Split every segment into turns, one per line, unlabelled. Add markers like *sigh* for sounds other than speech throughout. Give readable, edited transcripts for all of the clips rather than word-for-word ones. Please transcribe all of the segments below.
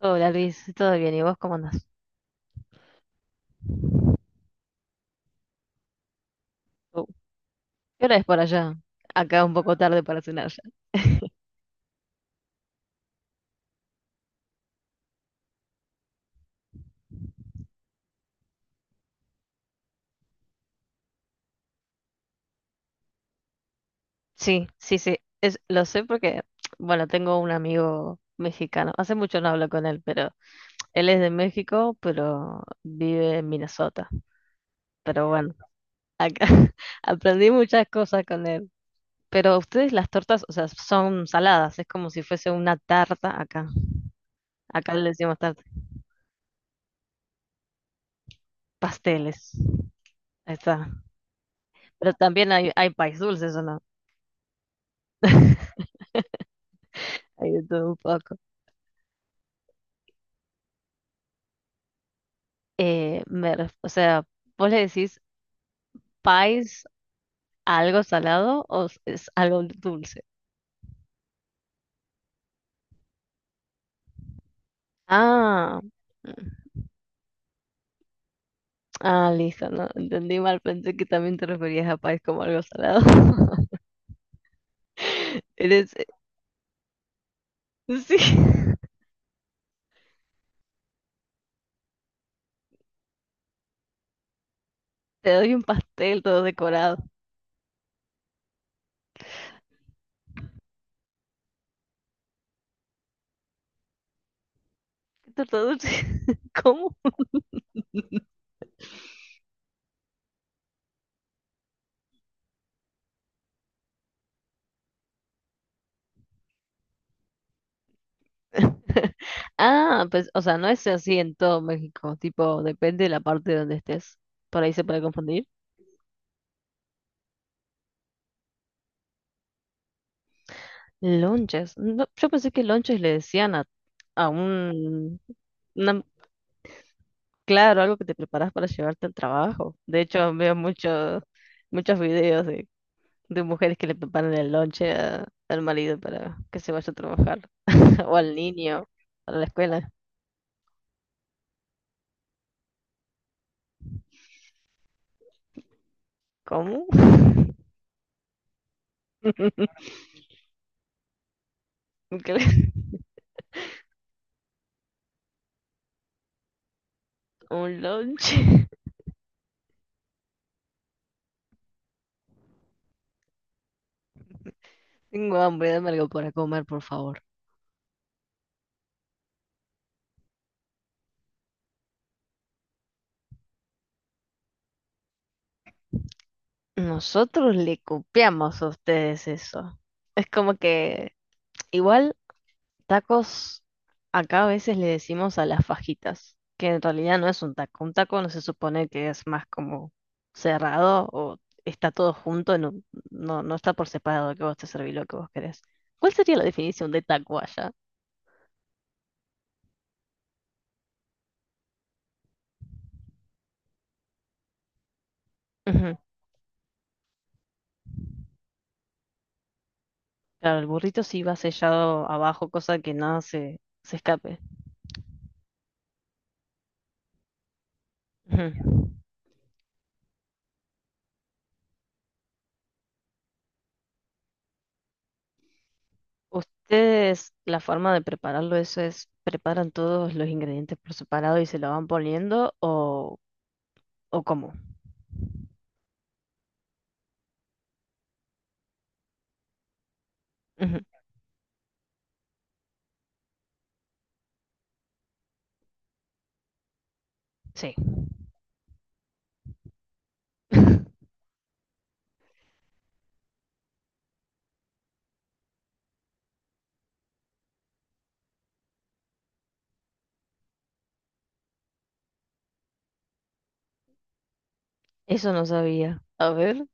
Hola Luis, ¿todo bien? ¿Y vos cómo andás? Oh, ¿Qué hora es por allá? Acá un poco tarde para cenar ya. *laughs* Sí, sí, sí, lo sé porque, bueno, tengo un amigo mexicano. Hace mucho no hablo con él, pero él es de México, pero vive en Minnesota. Pero bueno, acá *laughs* aprendí muchas cosas con él. Pero ustedes las tortas, o sea, son saladas, es como si fuese una tarta acá. Acá le decimos tarta, pasteles. Ahí está. Pero también hay país dulces, ¿o no? Hay de todo un poco. O sea, vos le decís pies a algo salado o es algo dulce. Ah, mm, ah, listo, no, entendí mal, pensé que también te referías a pies como algo salado. *laughs* Eres, sí, *laughs* te doy un pastel todo decorado. Torta dulce, *laughs* ¿cómo? *laughs* Ah, pues, o sea, no es así en todo México, tipo, depende de la parte de donde estés. Por ahí se puede confundir. Lonches. No, yo pensé que lonches le decían a un, una- claro, algo que te preparas para llevarte al trabajo. De hecho, veo muchos videos de mujeres que le preparan el lonche al marido para que se vaya a trabajar *laughs* o al niño para la escuela. ¿Cómo? *laughs* ¿Qué? Un lonche. *laughs* Tengo hambre, dame algo para comer, por favor. Nosotros le copiamos a ustedes eso. Es como que *tsk* igual. Tacos, acá a veces le decimos a las fajitas, que en realidad no es un taco. Un taco no se supone que es más como cerrado o está todo junto, no, no, no está por separado que vos te servís lo que vos querés. ¿Cuál sería la definición de taco allá? Ujú. Claro, el burrito sí va sellado abajo, cosa que nada se escape. Ujú. Ustedes, la forma de prepararlo, eso es, ¿preparan todos los ingredientes por separado y se lo van poniendo o cómo? Ujú. Sí. Eso no sabía. A ver.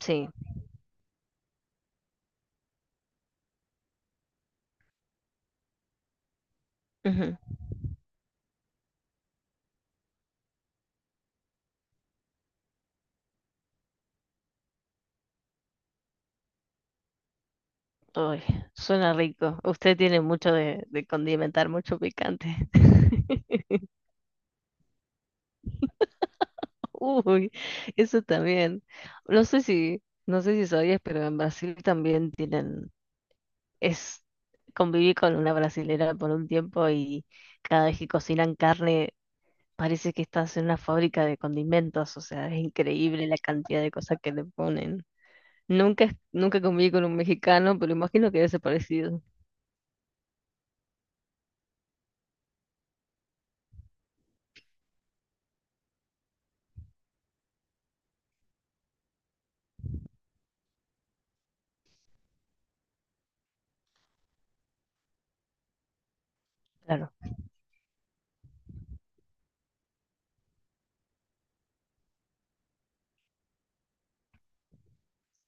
Sí. Ujú. Uy, suena rico. Usted tiene mucho de condimentar, mucho picante. *laughs* Uy, eso también. No sé si sabías, pero en Brasil también tienen, es, conviví con una brasilera por un tiempo y cada vez que cocinan carne parece que estás en una fábrica de condimentos, o sea, es increíble la cantidad de cosas que le ponen. Nunca conviví con un mexicano, pero imagino que debe ser parecido. Claro.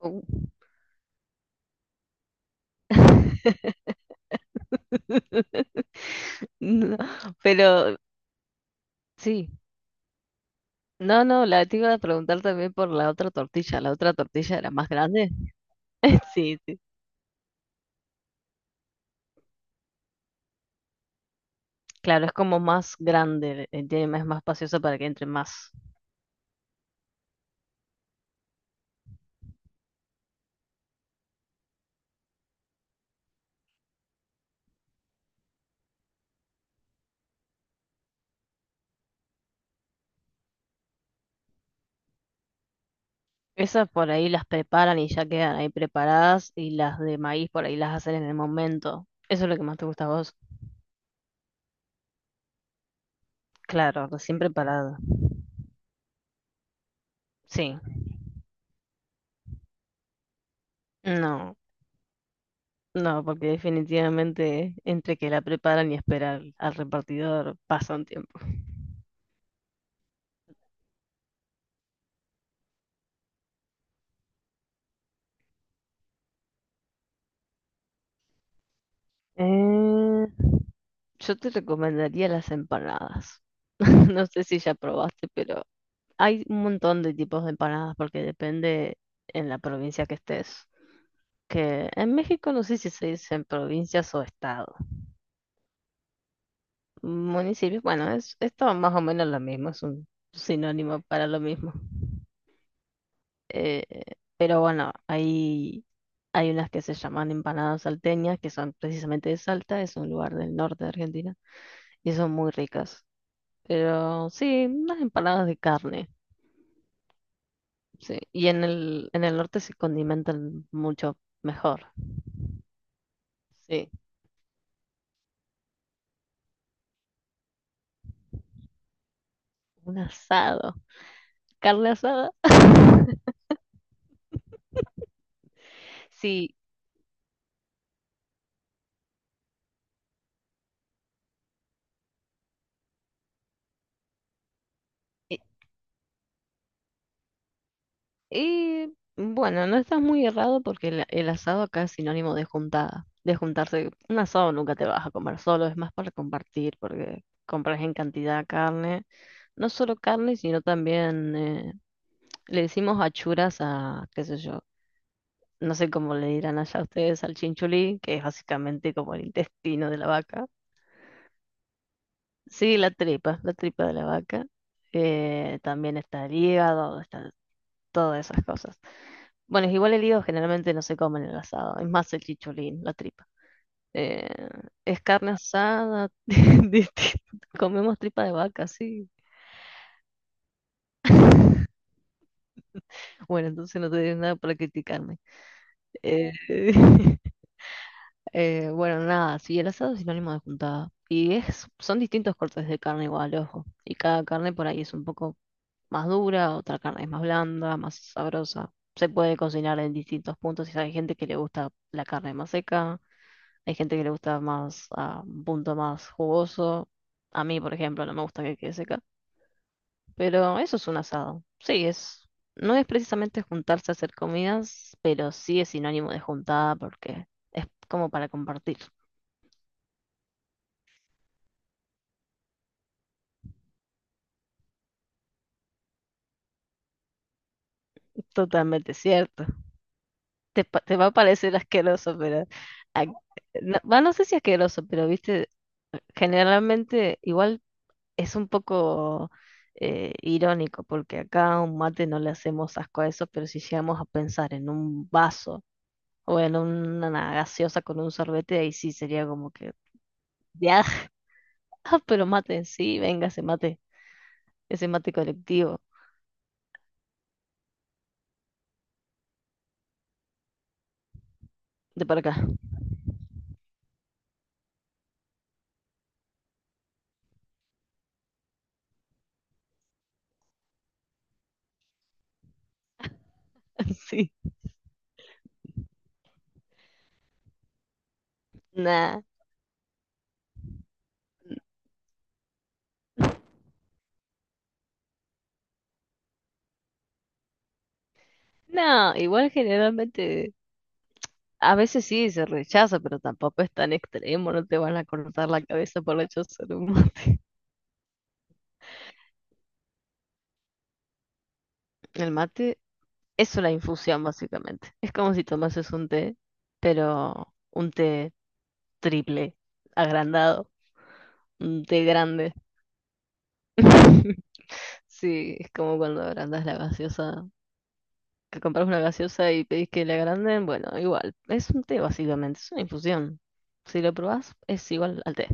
Oh. *laughs* No, pero sí. No, no, la te iba a preguntar también por la otra tortilla. ¿La otra tortilla era más grande? *laughs* Sí, sí. Claro, es como más grande, tiene más espacioso para que entre más. Esas por ahí las preparan y ya quedan ahí preparadas y las de maíz por ahí las hacen en el momento. Eso es lo que más te gusta a vos. Claro, recién preparada. Sí. No, no, porque definitivamente entre que la preparan y esperar al repartidor pasa un tiempo. Eh, yo te recomendaría las empanadas. *laughs* No sé si ya probaste, pero hay un montón de tipos de empanadas porque depende en la provincia que estés. Que en México no sé si se dicen provincias o estado. Municipios, bueno, es todo más o menos lo mismo, es un sinónimo para lo mismo. Eh, pero bueno, hay unas que se llaman empanadas salteñas, que son precisamente de Salta, es un lugar del norte de Argentina, y son muy ricas. Pero sí, unas empanadas de carne. Sí. Y en el norte se condimentan mucho mejor. Sí. Un asado. Carne asada. *laughs* Sí. Y, y bueno, no estás muy errado porque el asado acá es sinónimo de juntada. De juntarse. Un asado nunca te vas a comer solo, es más para compartir porque compras en cantidad carne. No solo carne, sino también le decimos achuras a, qué sé yo. No sé cómo le dirán allá ustedes al chinchulí, que es básicamente como el intestino de la vaca. Sí, la tripa de la vaca. También está el hígado, están todas esas cosas. Bueno, es igual el hígado generalmente no se come en el asado, es más el chicholín, la tripa. Eh, es carne asada, *laughs* comemos tripa de vaca, sí. *laughs* Bueno, entonces no te diré nada para criticarme. Eh, *laughs* bueno, nada, sí, el asado es sinónimo de juntada. Y son distintos cortes de carne igual, ojo. Y cada carne por ahí es un poco más dura, otra carne es más blanda, más sabrosa. Se puede cocinar en distintos puntos. Y hay gente que le gusta la carne más seca, hay gente que le gusta más a un punto más jugoso. A mí, por ejemplo, no me gusta que quede seca. Pero eso es un asado. Sí, no es precisamente juntarse a hacer comidas, pero sí es sinónimo de juntada porque es como para compartir. Totalmente cierto. Te va a parecer asqueroso, pero a- no, va, no sé si asqueroso, pero viste, generalmente igual es un poco irónico, porque acá a un mate no le hacemos asco a eso, pero si llegamos a pensar en un vaso o en una gaseosa con un sorbete, ahí sí sería como que, ya, *laughs* pero mate en sí, venga ese mate colectivo, de para acá. *laughs* Sí, nada. No, igual generalmente. A veces sí se rechaza, pero tampoco es tan extremo, no te van a cortar la cabeza por rechazar un mate. *laughs* El mate es una infusión, básicamente. Es como si tomases un té, pero un té triple, agrandado, un té grande. *laughs* Sí, es como cuando agrandas la gaseosa, que compras una gaseosa y pedís que la agranden, bueno, igual, es un té básicamente, es una infusión. Si lo probás, es igual al té.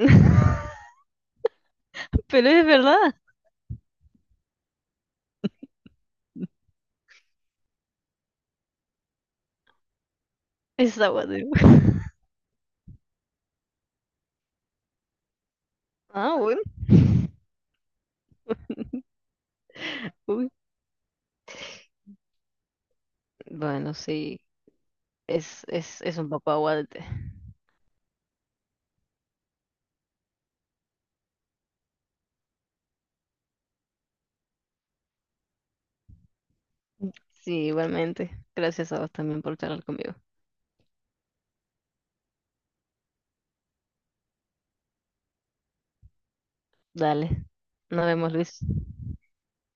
*laughs* Pero es verdad, es agua. Ah, bueno. Uy. Bueno, sí, es un poco aguante. Sí, igualmente. Gracias a vos también por charlar conmigo. Dale. Nos vemos, Luis.